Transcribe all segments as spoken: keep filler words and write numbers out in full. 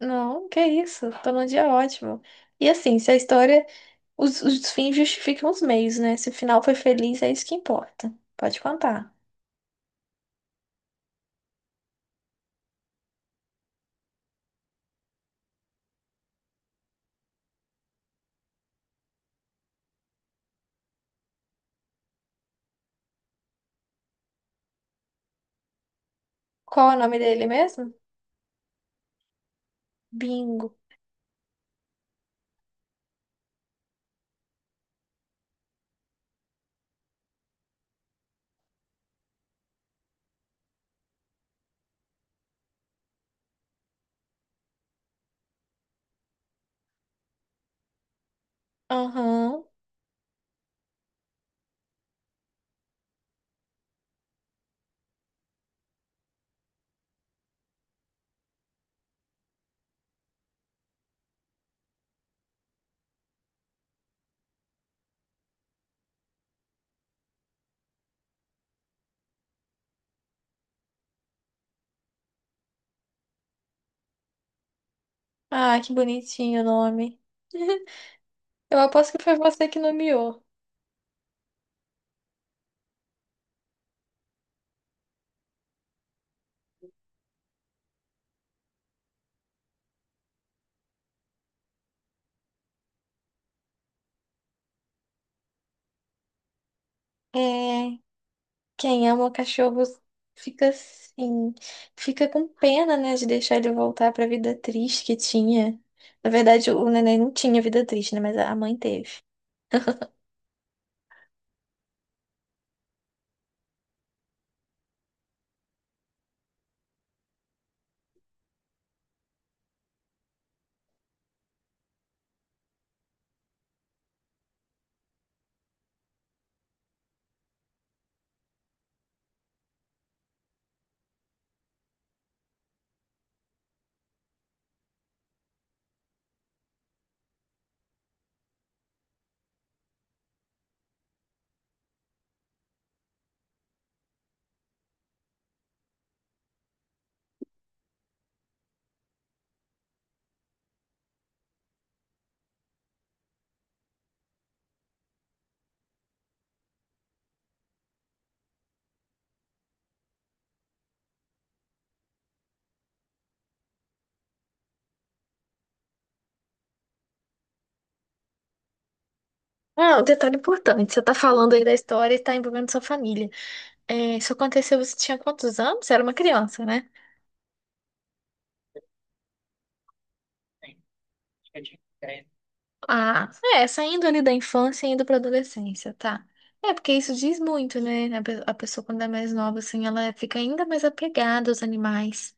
Não, que isso, tô num dia ótimo. E assim, se a história, os, os fins justificam os meios, né? Se o final foi feliz, é isso que importa. Pode contar. Qual é o nome dele mesmo? Bingo. Aham. Ah, que bonitinho o nome. Eu aposto que foi você que nomeou. É, quem ama cachorros fica assim, fica com pena, né, de deixar ele voltar pra vida triste que tinha. Na verdade, o neném não tinha vida triste, né, mas a mãe teve. Ah, um detalhe importante. Você tá falando aí da história e tá envolvendo sua família. É, isso aconteceu, você tinha quantos anos? Você era uma criança, né? Ah, é, saindo ali da infância e indo pra adolescência, tá? É, porque isso diz muito, né? A pe- a pessoa, quando é mais nova, assim, ela fica ainda mais apegada aos animais.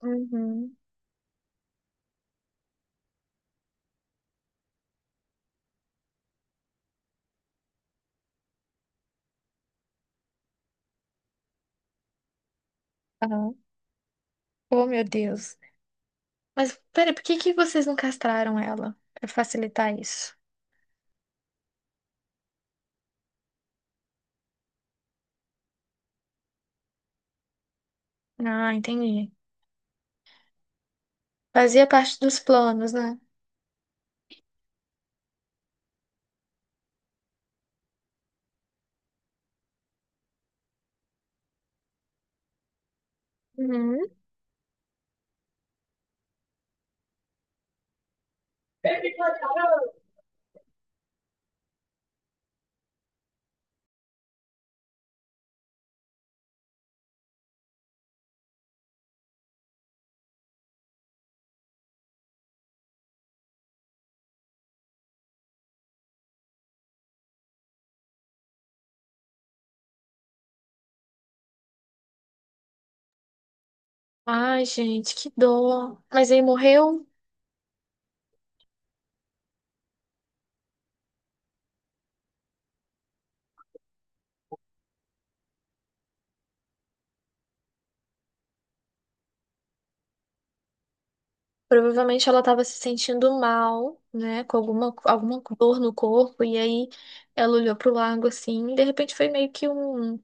Uhum. Ah, oh, meu Deus. Mas, peraí, por que que vocês não castraram ela? Pra facilitar isso. Ah, entendi. Fazia parte dos planos, né? Uhum. Ai, gente, que dor. Mas aí morreu. Provavelmente ela estava se sentindo mal, né? Com alguma, alguma dor no corpo. E aí ela olhou pro lago assim. E de repente foi meio que um,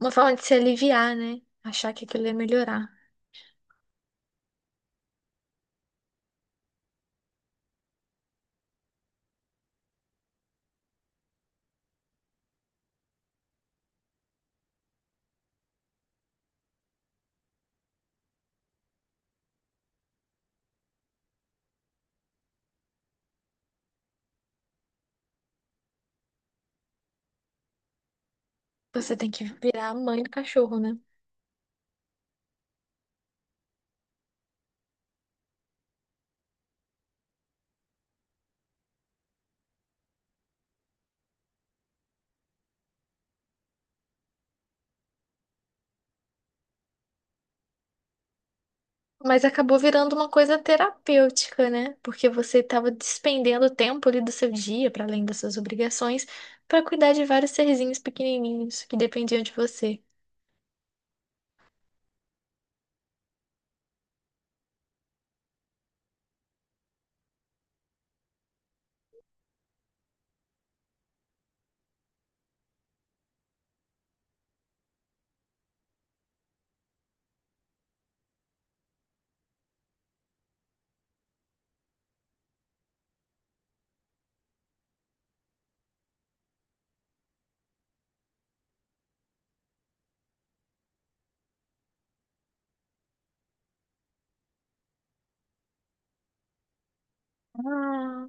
uma forma de se aliviar, né? Achar que aquilo ia melhorar. Você tem que virar a mãe do cachorro, né? Mas acabou virando uma coisa terapêutica, né? Porque você estava despendendo tempo ali do seu dia, para além das suas obrigações, para cuidar de vários serzinhos pequenininhos que dependiam de você. Ah,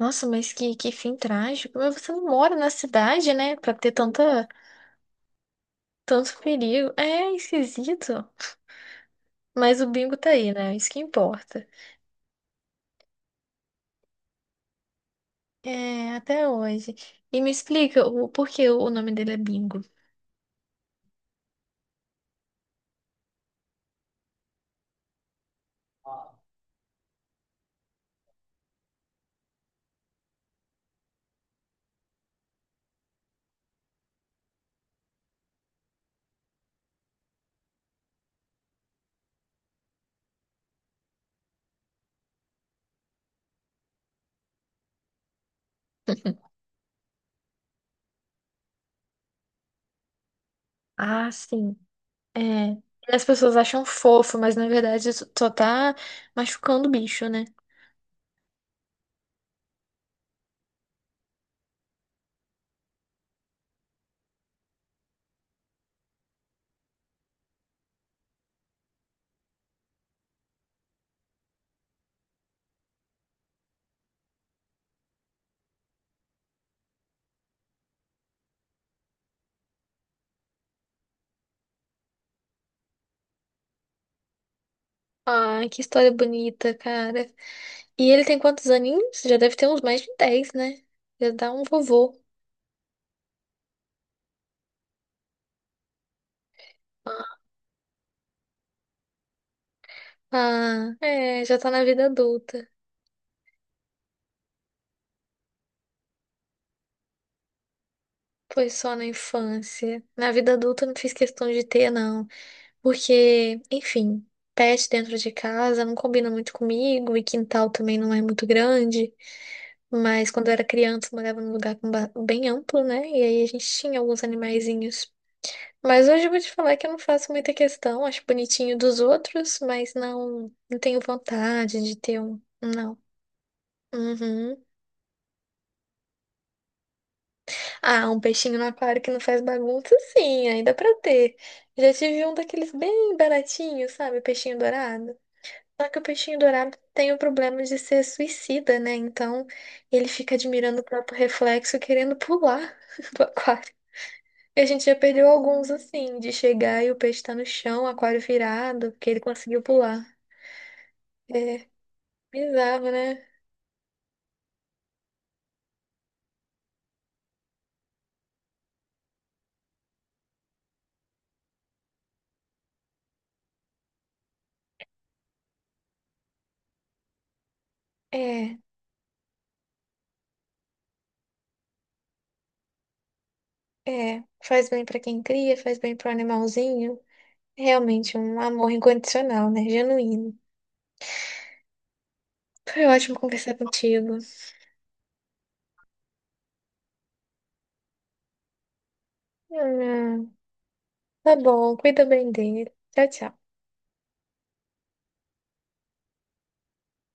nossa, mas que, que fim trágico. Mas você não mora na cidade, né? Pra ter tanta, tanto perigo. É esquisito. Mas o Bingo tá aí, né? É isso que importa. É, até hoje. E me explica o por que o nome dele é Bingo. Ah, sim. É. E as pessoas acham fofo, mas na verdade isso só tá machucando o bicho, né? Ah, que história bonita, cara. E ele tem quantos aninhos? Já deve ter uns mais de dez, né? Já dá um vovô. Ah, é, já tá na vida adulta. Foi só na infância. Na vida adulta eu não fiz questão de ter, não. Porque, enfim, pet dentro de casa não combina muito comigo e quintal também não é muito grande. Mas quando eu era criança, eu morava num lugar com ba- bem amplo, né? E aí a gente tinha alguns animaizinhos. Mas hoje eu vou te falar que eu não faço muita questão, acho bonitinho dos outros, mas não, não tenho vontade de ter um. Não. Uhum. Ah, um peixinho no aquário que não faz bagunça, sim, ainda pra ter. Já tive um daqueles bem baratinhos, sabe? Peixinho dourado. Só que o peixinho dourado tem o problema de ser suicida, né? Então ele fica admirando o próprio reflexo, querendo pular do aquário. E a gente já perdeu alguns assim, de chegar e o peixe tá no chão, aquário virado, porque ele conseguiu pular. É bizarro, né? É, é. Faz bem pra quem cria, faz bem pro animalzinho. Realmente um amor incondicional, né? Genuíno. Foi ótimo conversar contigo. Ah, tá bom, cuida bem dele. Tchau, tchau.